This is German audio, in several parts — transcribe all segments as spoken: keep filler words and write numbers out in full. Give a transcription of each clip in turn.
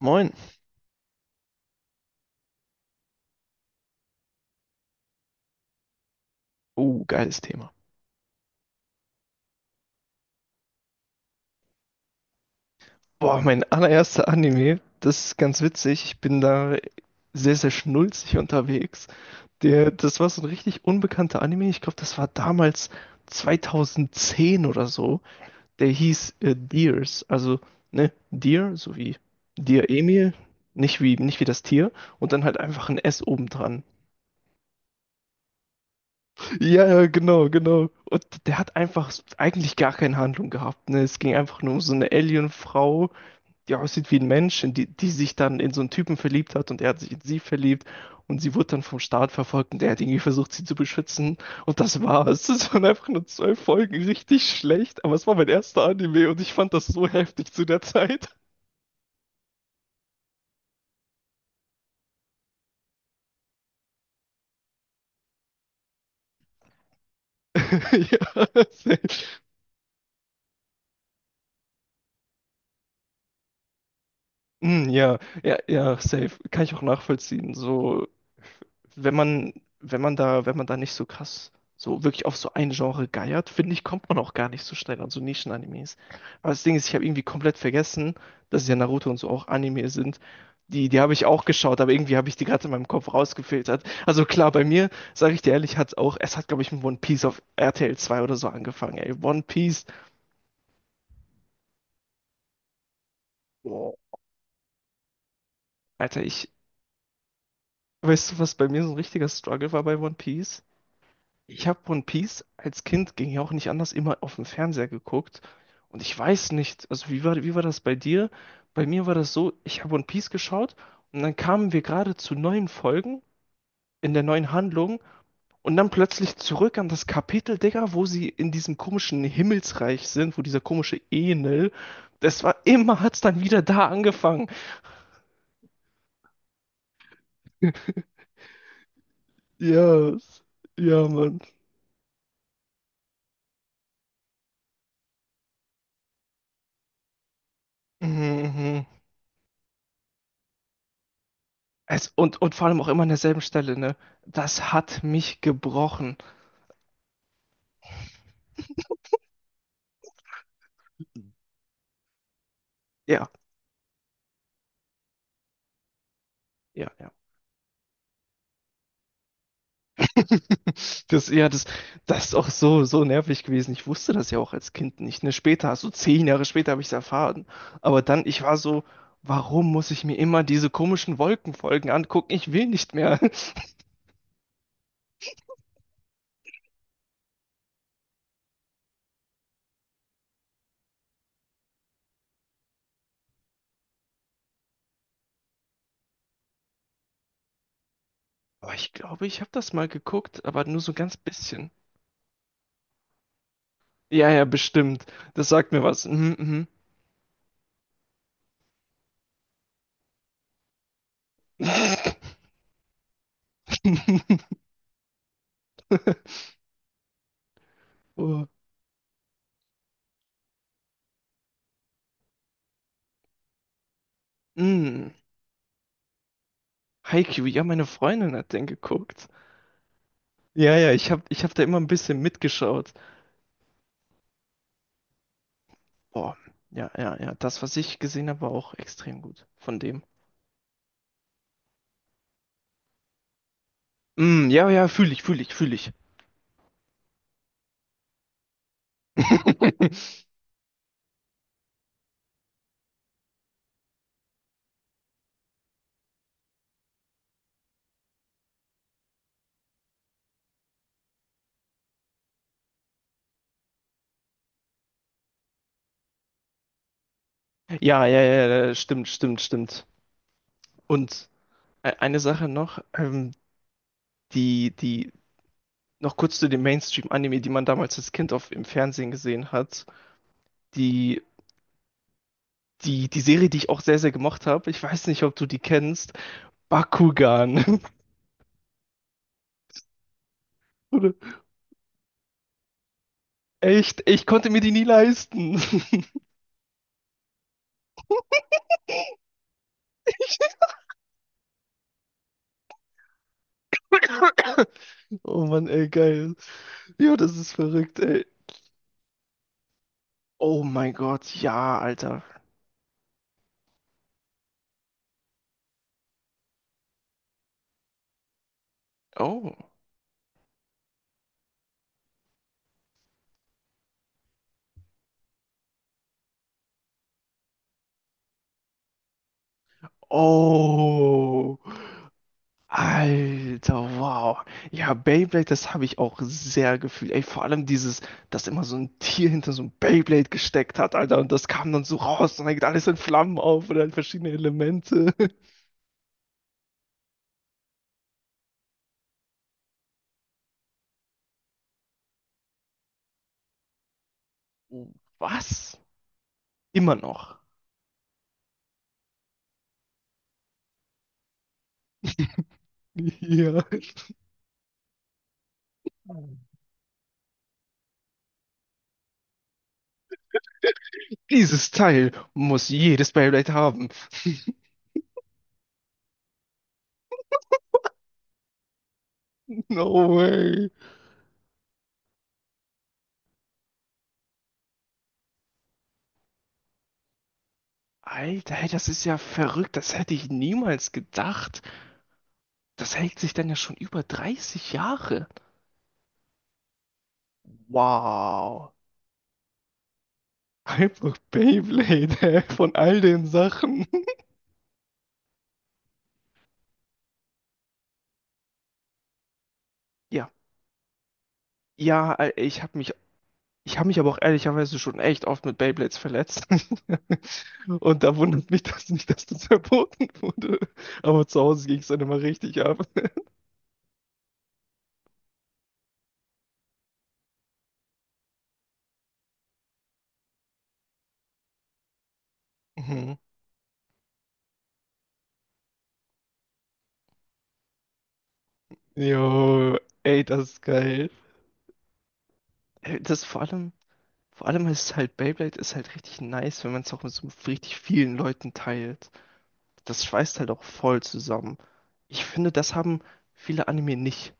Moin. Oh, geiles Thema. Boah, mein allererster Anime, das ist ganz witzig. Ich bin da sehr, sehr schnulzig unterwegs. Der, das war so ein richtig unbekannter Anime. Ich glaube, das war damals zwanzig zehn oder so. Der hieß äh, Deers. Also, ne, Dear, so wie Dear Emil. Nicht wie, nicht wie das Tier. Und dann halt einfach ein S obendran. Ja, ja, genau, genau. Und der hat einfach eigentlich gar keine Handlung gehabt. Ne? Es ging einfach nur um so eine Alien-Frau, die aussieht wie ein Mensch, in die, die sich dann in so einen Typen verliebt hat und er hat sich in sie verliebt und sie wurde dann vom Staat verfolgt und der hat irgendwie versucht, sie zu beschützen, und das war's. Das waren einfach nur zwölf Folgen, richtig schlecht, aber es war mein erster Anime und ich fand das so heftig zu der Zeit. Ja, safe. Mm, ja, ja, ja, safe. Kann ich auch nachvollziehen. So, wenn man, wenn man da, wenn man da nicht so krass so wirklich auf so ein Genre geiert, finde ich, kommt man auch gar nicht so schnell an so Nischen-Animes. Aber das Ding ist, ich habe irgendwie komplett vergessen, dass ja Naruto und so auch Anime sind. Die, die habe ich auch geschaut, aber irgendwie habe ich die gerade in meinem Kopf rausgefiltert. Also klar, bei mir, sage ich dir ehrlich, hat auch, es hat, glaube ich, mit One Piece auf R T L zwei oder so angefangen, ey. One Piece. Boah, Alter, ich, weißt du, was bei mir so ein richtiger Struggle war bei One Piece? Ich habe One Piece als Kind, ging ja auch nicht anders, immer auf dem Fernseher geguckt. Und ich weiß nicht, also wie war, wie war das bei dir? Bei mir war das so, ich habe One Piece geschaut und dann kamen wir gerade zu neuen Folgen in der neuen Handlung und dann plötzlich zurück an das Kapitel, Digga, wo sie in diesem komischen Himmelsreich sind, wo dieser komische Enel, das war immer, hat's dann wieder da angefangen. Yes, ja, Mann. Mhm. Mhm. Es, und, und vor allem auch immer an derselben Stelle, ne? Das hat mich gebrochen. Ja, ja, ja. Das, ja, das, das ist auch so, so nervig gewesen. Ich wusste das ja auch als Kind nicht. Ne? Später, so zehn Jahre später habe ich es erfahren. Aber dann, ich war so, warum muss ich mir immer diese komischen Wolkenfolgen angucken? Ich will nicht mehr. Aber ich glaube, ich habe das mal geguckt, aber nur so ganz bisschen. Ja, ja, bestimmt. Das sagt mir was. Mhm, mhm. Oh. Mm. Haikyuu, ja, meine Freundin hat den geguckt. Ja, ja, ich habe ich hab da immer ein bisschen mitgeschaut. Boah, ja, ja, ja. Das, was ich gesehen habe, war auch extrem gut von dem. Mm, ja, ja, fühle ich, fühle ich, fühle ich. Ja, ja, ja, ja, stimmt, stimmt, stimmt. Und e- eine Sache noch, ähm, die, die, noch kurz zu dem Mainstream-Anime, die man damals als Kind auf, im Fernsehen gesehen hat. Die, die, die Serie, die ich auch sehr, sehr gemocht habe, ich weiß nicht, ob du die kennst, Bakugan. Echt, ich konnte mir die nie leisten. Oh Mann, ey, geil. Ja, das ist verrückt, ey. Oh mein Gott, ja, Alter. Oh. Oh. Alter, wow. Ja, Beyblade, das habe ich auch sehr gefühlt. Ey, vor allem dieses, dass immer so ein Tier hinter so ein Beyblade gesteckt hat, Alter. Und das kam dann so raus und dann geht alles in Flammen auf oder halt verschiedene Elemente. Was? Immer noch. Ja. Dieses Teil muss jedes Beyblade haben. No way. Alter, ey, das ist ja verrückt. Das hätte ich niemals gedacht. Das hält sich dann ja schon über dreißig Jahre. Wow. Einfach Beyblade, ey, von all den Sachen. Ja, ja, äh, ich habe mich, ich habe mich aber auch ehrlicherweise schon echt oft mit Beyblades verletzt. Und da wundert mich das nicht, dass das verboten wurde. Aber zu Hause ging es dann immer richtig ab. Mhm. Jo, ey, das ist geil. Ey, Das vor allem, vor allem ist halt, Beyblade ist halt richtig nice, wenn man es auch mit so richtig vielen Leuten teilt. Das schweißt halt auch voll zusammen. Ich finde, das haben viele Anime nicht.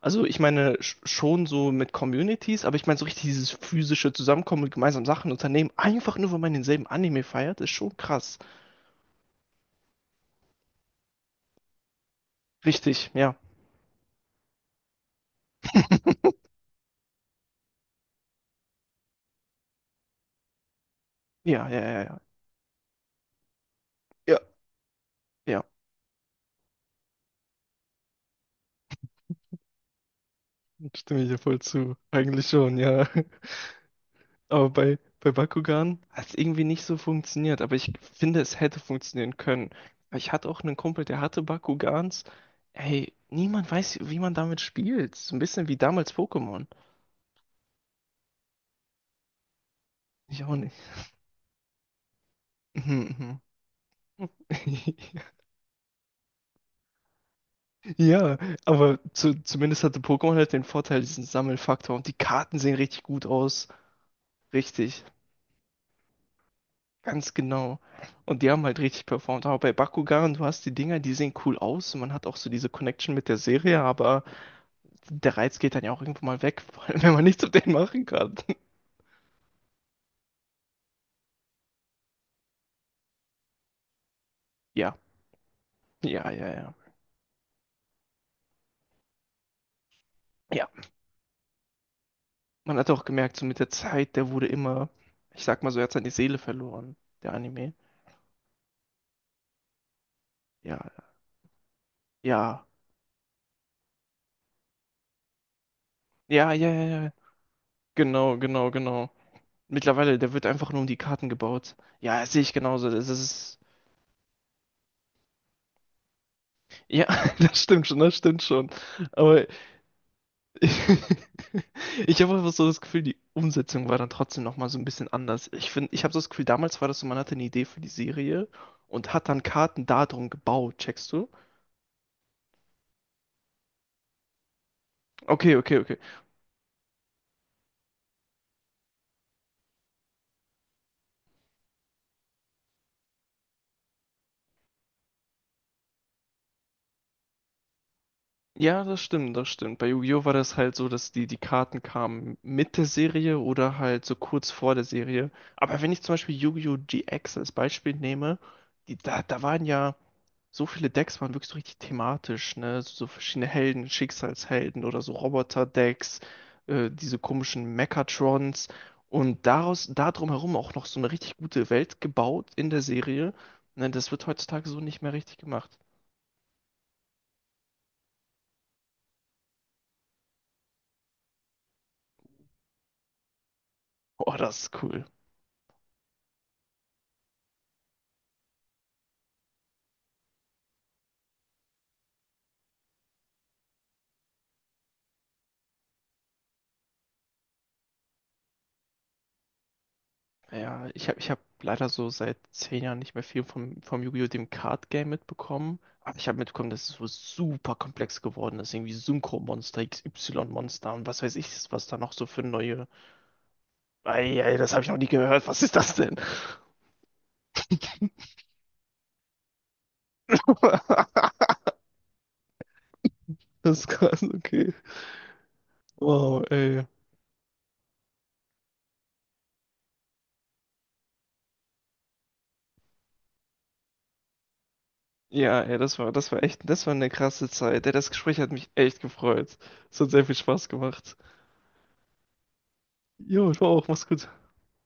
Also ich meine sch- schon so mit Communities, aber ich meine so richtig dieses physische Zusammenkommen und gemeinsam Sachen unternehmen, einfach nur weil man denselben Anime feiert, ist schon krass. Richtig, ja. Ja, ja, ja, ja. Ja, ja. Stimme ich dir voll zu. Eigentlich schon, ja. Aber bei, bei Bakugan hat es irgendwie nicht so funktioniert. Aber ich finde, es hätte funktionieren können. Weil ich hatte auch einen Kumpel, der hatte Bakugans. Ey, niemand weiß, wie man damit spielt. So ein bisschen wie damals Pokémon. Ich auch nicht. Mhm, mhm. Ja, aber zu, zumindest hatte Pokémon halt den Vorteil, diesen Sammelfaktor. Und die Karten sehen richtig gut aus. Richtig, ganz genau. Und die haben halt richtig performt. Aber bei Bakugan, du hast die Dinger, die sehen cool aus. Und man hat auch so diese Connection mit der Serie, aber der Reiz geht dann ja auch irgendwo mal weg, vor allem wenn man nichts mit denen machen kann. Ja, ja, ja, ja. Ja, man hat auch gemerkt, so mit der Zeit, der wurde immer, ich sag mal so, er hat seine Seele verloren, der Anime. Ja, ja, ja, ja, ja, ja. Genau, genau, genau. Mittlerweile, der wird einfach nur um die Karten gebaut. Ja, das sehe ich genauso. Das ist, ja, das stimmt schon, das stimmt schon. Aber ich habe einfach so das Gefühl, die Umsetzung war dann trotzdem nochmal so ein bisschen anders. Ich finde, ich habe so das Gefühl, damals war das so, man hatte eine Idee für die Serie und hat dann Karten darum gebaut, checkst du? Okay, okay, okay. Ja, das stimmt, das stimmt. Bei Yu-Gi-Oh! War das halt so, dass die, die Karten kamen mit der Serie oder halt so kurz vor der Serie. Aber wenn ich zum Beispiel Yu-Gi-Oh! G X als Beispiel nehme, die, da, da waren ja. So viele Decks waren wirklich so richtig thematisch, ne? So so verschiedene Helden, Schicksalshelden oder so Roboter-Decks, äh, diese komischen Mechatrons und daraus, da drumherum auch noch so eine richtig gute Welt gebaut in der Serie. Ne? Das wird heutzutage so nicht mehr richtig gemacht. Oh, das ist cool. Ja, ich habe ich hab leider so seit zehn Jahren nicht mehr viel vom, vom Yu-Gi-Oh! Dem Card Game mitbekommen. Aber ich habe mitbekommen, dass es so super komplex geworden ist. Irgendwie Synchro-Monster, x y monster und was weiß ich, was da noch so für neue. Ei, ei, das habe ich noch nie gehört. Was ist das denn? Das ist krass, okay. Wow, ey. Ja, ey, das war, das war echt, das war eine krasse Zeit. Ey, das Gespräch hat mich echt gefreut. Es hat sehr viel Spaß gemacht. Jo, ich war auch, mach's gut.